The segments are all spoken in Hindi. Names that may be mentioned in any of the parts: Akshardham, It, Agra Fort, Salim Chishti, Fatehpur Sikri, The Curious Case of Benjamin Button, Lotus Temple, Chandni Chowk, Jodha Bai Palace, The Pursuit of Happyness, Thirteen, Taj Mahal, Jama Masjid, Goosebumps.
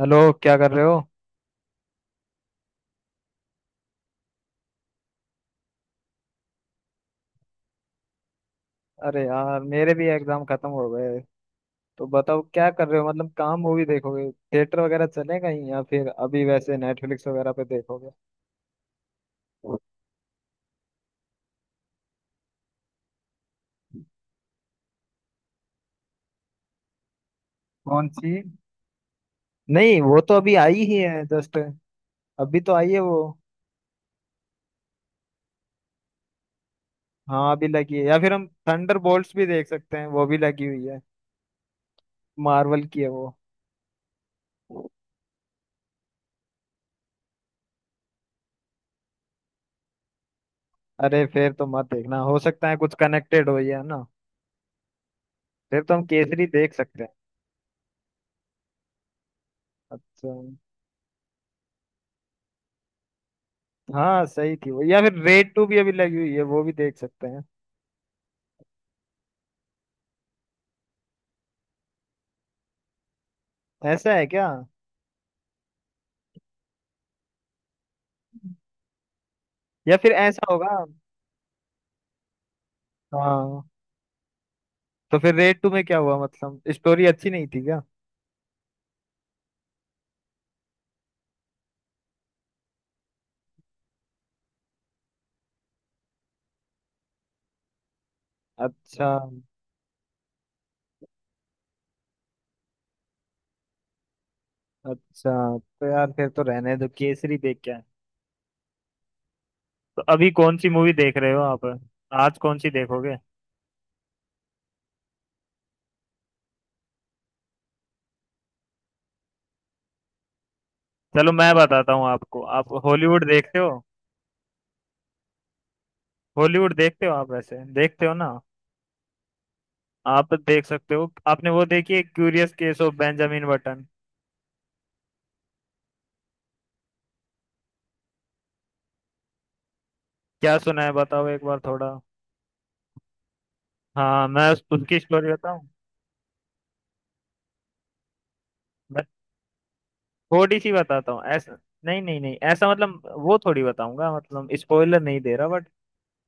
हेलो। क्या कर रहे हो? अरे यार, मेरे भी एग्जाम खत्म हो गए। तो बताओ क्या कर रहे हो? मतलब कहाँ मूवी देखोगे? थिएटर वगैरह चले कहीं या फिर अभी वैसे नेटफ्लिक्स वगैरह पे देखोगे? कौन सी? नहीं वो तो अभी आई ही है जस्ट। अभी तो आई है वो। हाँ अभी लगी है, या फिर हम थंडर भी देख सकते हैं, वो भी लगी हुई है। मार्वल की है वो। अरे फिर तो मत देखना, हो सकता है कुछ कनेक्टेड हो या ना। फिर तो हम केसरी देख सकते हैं। अच्छा। हाँ सही थी वो, या फिर रेड टू भी अभी लगी हुई है, वो भी देख सकते हैं। ऐसा है क्या? या फिर ऐसा होगा। हाँ। तो फिर रेड टू में क्या हुआ? मतलब स्टोरी अच्छी नहीं थी क्या? अच्छा। अच्छा तो यार फिर तो रहने दो, केसरी देख के आए। तो अभी कौन सी मूवी देख रहे हो आप? आज कौन सी देखोगे? चलो मैं बताता हूँ आपको, आप हॉलीवुड देखते हो? हॉलीवुड देखते हो आप वैसे, देखते हो ना? आप देख सकते हो, आपने वो देखी है Curious Case of Benjamin Button? क्या सुना है बताओ एक बार थोड़ा। हाँ मैं उसकी स्टोरी बताऊं। थोड़ी सी बताता हूँ ऐसा। नहीं नहीं नहीं, ऐसा मतलब वो थोड़ी बताऊंगा, मतलब स्पॉइलर नहीं दे रहा बट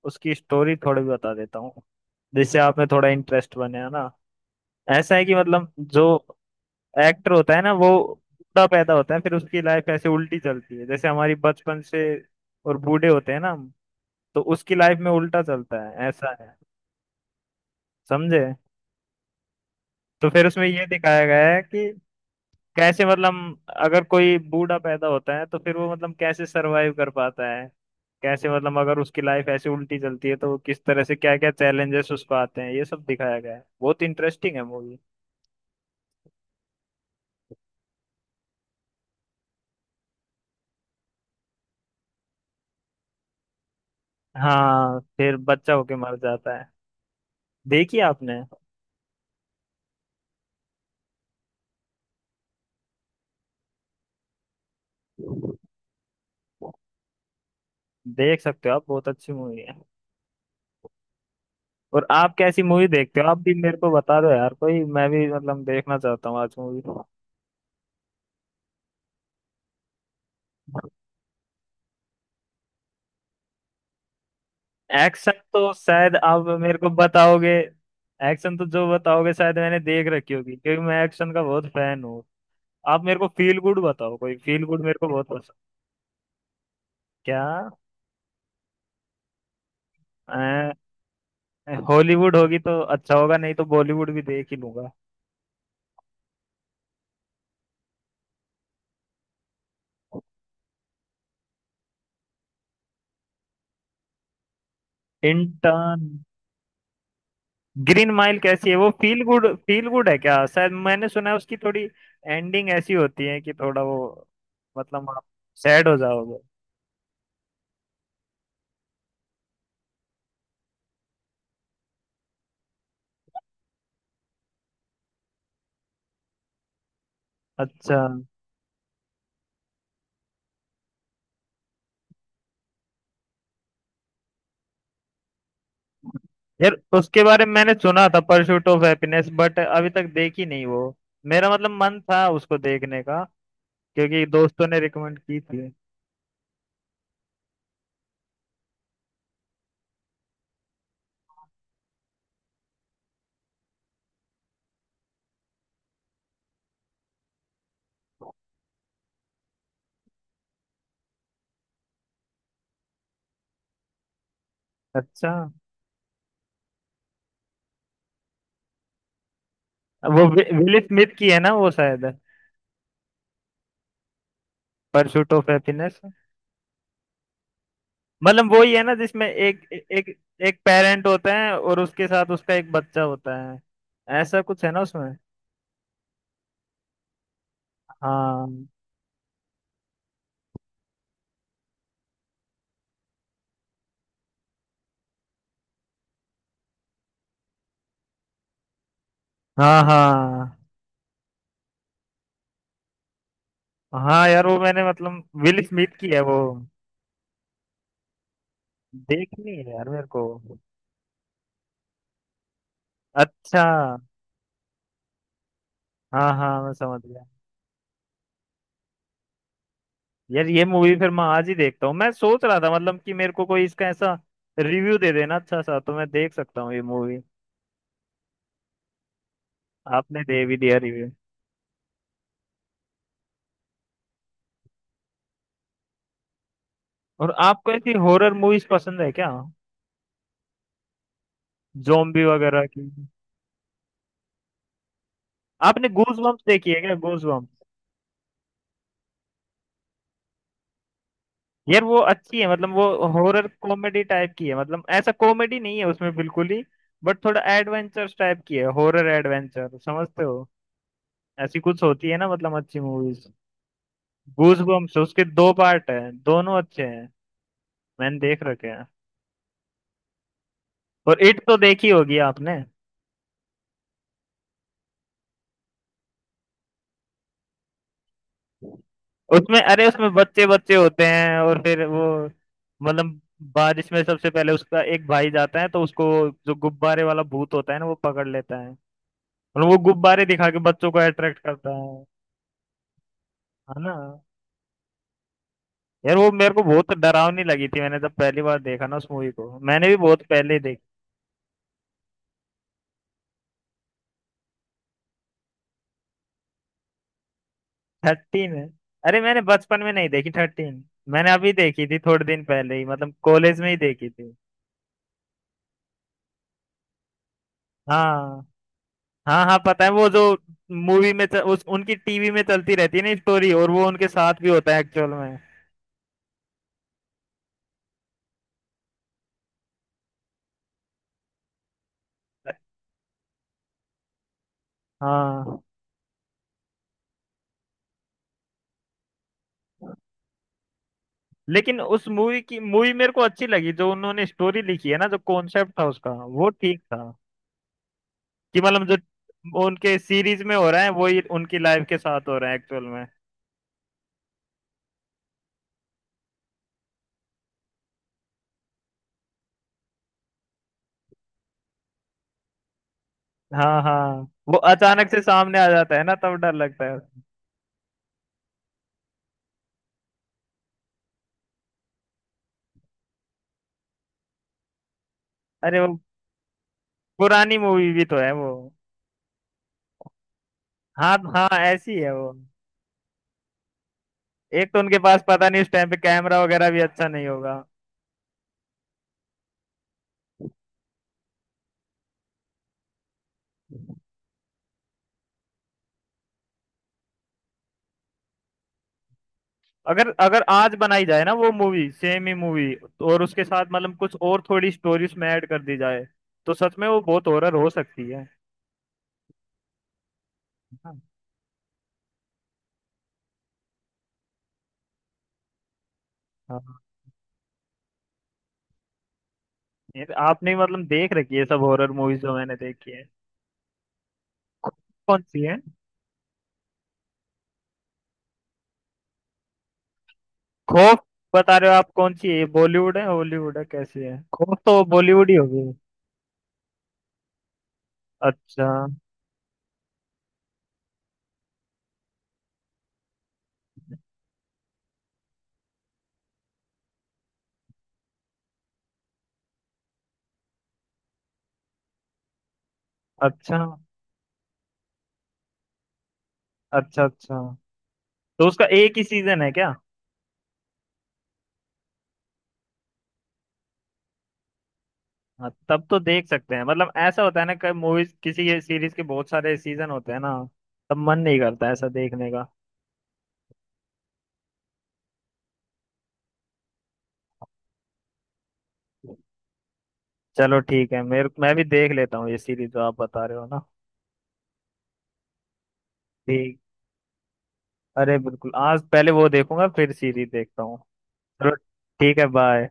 उसकी स्टोरी थोड़ी बता देता हूँ, जिससे आप में थोड़ा इंटरेस्ट बने, है ना? ऐसा है कि मतलब जो एक्टर होता है ना वो, बूढ़ा पैदा होता है, फिर उसकी लाइफ ऐसे उल्टी चलती है, जैसे हमारी बचपन से और बूढ़े होते हैं ना हम, तो उसकी लाइफ में उल्टा चलता है, ऐसा है। समझे? तो फिर उसमें ये दिखाया गया है कि कैसे मतलब अगर कोई बूढ़ा पैदा होता है तो फिर वो मतलब कैसे सरवाइव कर पाता है, कैसे मतलब अगर उसकी लाइफ ऐसे उल्टी चलती है तो वो किस तरह से क्या क्या चैलेंजेस उसको आते हैं, ये सब दिखाया गया है। बहुत इंटरेस्टिंग है मूवी। हाँ फिर बच्चा होके मर जाता है। देखिए आपने। देख सकते हो आप, बहुत अच्छी मूवी है। और आप कैसी मूवी देखते हो? आप भी मेरे को बता दो यार कोई, मैं भी मतलब देखना चाहता हूँ आज मूवी। एक्शन तो शायद आप मेरे को बताओगे। एक्शन तो जो बताओगे शायद मैंने देख रखी होगी, क्योंकि मैं एक्शन का बहुत फैन हूँ। आप मेरे को फील गुड बताओ, कोई फील गुड मेरे को बहुत पसंद। क्या? अ, हॉलीवुड होगी तो अच्छा होगा, नहीं तो बॉलीवुड भी देख ही लूंगा। इंटर्न। ग्रीन माइल कैसी है वो? फील गुड, फील गुड है क्या? शायद मैंने सुना है उसकी थोड़ी एंडिंग ऐसी होती है कि थोड़ा वो, मतलब आप सैड हो जाओगे। अच्छा। यार उसके बारे में मैंने सुना था परस्यूट ऑफ हैप्पीनेस, बट अभी तक देखी नहीं वो। मेरा मतलब मन था उसको देखने का, क्योंकि दोस्तों ने रिकमेंड की थी। अच्छा। वो विल स्मिथ की है ना वो शायद, परस्यूट ऑफ हैप्पीनेस। मतलब वही है ना जिसमें एक, एक एक पेरेंट होता है और उसके साथ उसका एक बच्चा होता है, ऐसा कुछ है ना उसमें? हाँ हाँ हाँ हाँ। यार वो मैंने मतलब विल स्मिथ की है वो, देखनी है यार मेरे को। अच्छा। हाँ हाँ मैं समझ गया। यार ये मूवी फिर मैं आज ही देखता हूँ, मैं सोच रहा था मतलब कि मेरे को कोई इसका ऐसा रिव्यू दे देना अच्छा सा, तो मैं देख सकता हूँ ये मूवी। आपने दे भी दिया रिव्यू। और आपको ऐसी हॉरर मूवीज पसंद है क्या? जोम्बी वगैरह की? आपने गूज बम्प्स देखी है क्या, गूज बम्प्स? यार वो अच्छी है, मतलब वो हॉरर कॉमेडी टाइप की है, मतलब ऐसा कॉमेडी नहीं है उसमें बिल्कुल ही, बट थोड़ा एडवेंचर टाइप की है। हॉरर एडवेंचर समझते हो? ऐसी कुछ होती है ना, मतलब अच्छी मूवीज। गूजबम्प्स उसके दो पार्ट है, दोनों अच्छे हैं, मैंने देख रखे हैं। और इट तो देखी होगी आपने? उसमें अरे उसमें बच्चे बच्चे होते हैं और फिर वो मतलब, बारिश में सबसे पहले उसका एक भाई जाता है तो उसको जो गुब्बारे वाला भूत होता है ना वो पकड़ लेता है, और वो गुब्बारे दिखा के बच्चों को अट्रैक्ट करता है ना? यार वो मेरे को बहुत डरावनी लगी थी, मैंने जब पहली बार देखा ना उस मूवी को, मैंने भी बहुत पहले। थर्टीन है? अरे मैंने बचपन में नहीं देखी थर्टीन, मैंने अभी देखी थी थोड़े दिन पहले ही, मतलब कॉलेज में ही देखी थी। हाँ हाँ हाँ पता है वो जो मूवी में उस उनकी टीवी में चलती रहती है ना स्टोरी, और वो उनके साथ भी होता है एक्चुअल में। हाँ लेकिन उस मूवी की, मूवी मेरे को अच्छी लगी, जो उन्होंने स्टोरी लिखी है ना, जो कॉन्सेप्ट था उसका वो ठीक था, कि मतलब जो उनके सीरीज में हो रहा है वही उनकी लाइफ के साथ हो रहा है एक्चुअल में। हाँ हाँ। वो अचानक से सामने आ जाता है ना, तब डर लगता है। अरे वो पुरानी मूवी भी तो है वो। हाँ हाँ ऐसी है वो। एक तो उनके पास पता नहीं उस टाइम पे कैमरा वगैरह भी अच्छा नहीं होगा। अगर अगर आज बनाई जाए ना वो मूवी, सेम ही मूवी, और उसके साथ मतलब कुछ और थोड़ी स्टोरी उसमें ऐड कर दी जाए, तो सच में वो बहुत हॉरर हो सकती है। हाँ। हाँ। ये तो आपने मतलब देख रखी है सब हॉरर मूवीज जो मैंने देखी है। कौन सी है? खौफ बता रहे हो, आप कौन सी है? बॉलीवुड है हॉलीवुड है कैसी है? खौफ तो बॉलीवुड ही होगी। अच्छा। अच्छा अच्छा। अच्छा तो उसका एक ही सीजन है क्या? हाँ तब तो देख सकते हैं, मतलब ऐसा होता है ना कई मूवीज किसी सीरीज के बहुत सारे सीजन होते हैं ना, तब मन नहीं करता ऐसा देखने का। चलो ठीक है, मेरे मैं भी देख लेता हूँ ये सीरीज जो आप बता रहे हो ना। ठीक। अरे बिल्कुल, आज पहले वो देखूंगा फिर सीरीज देखता हूँ। चलो, ठीक है, बाय।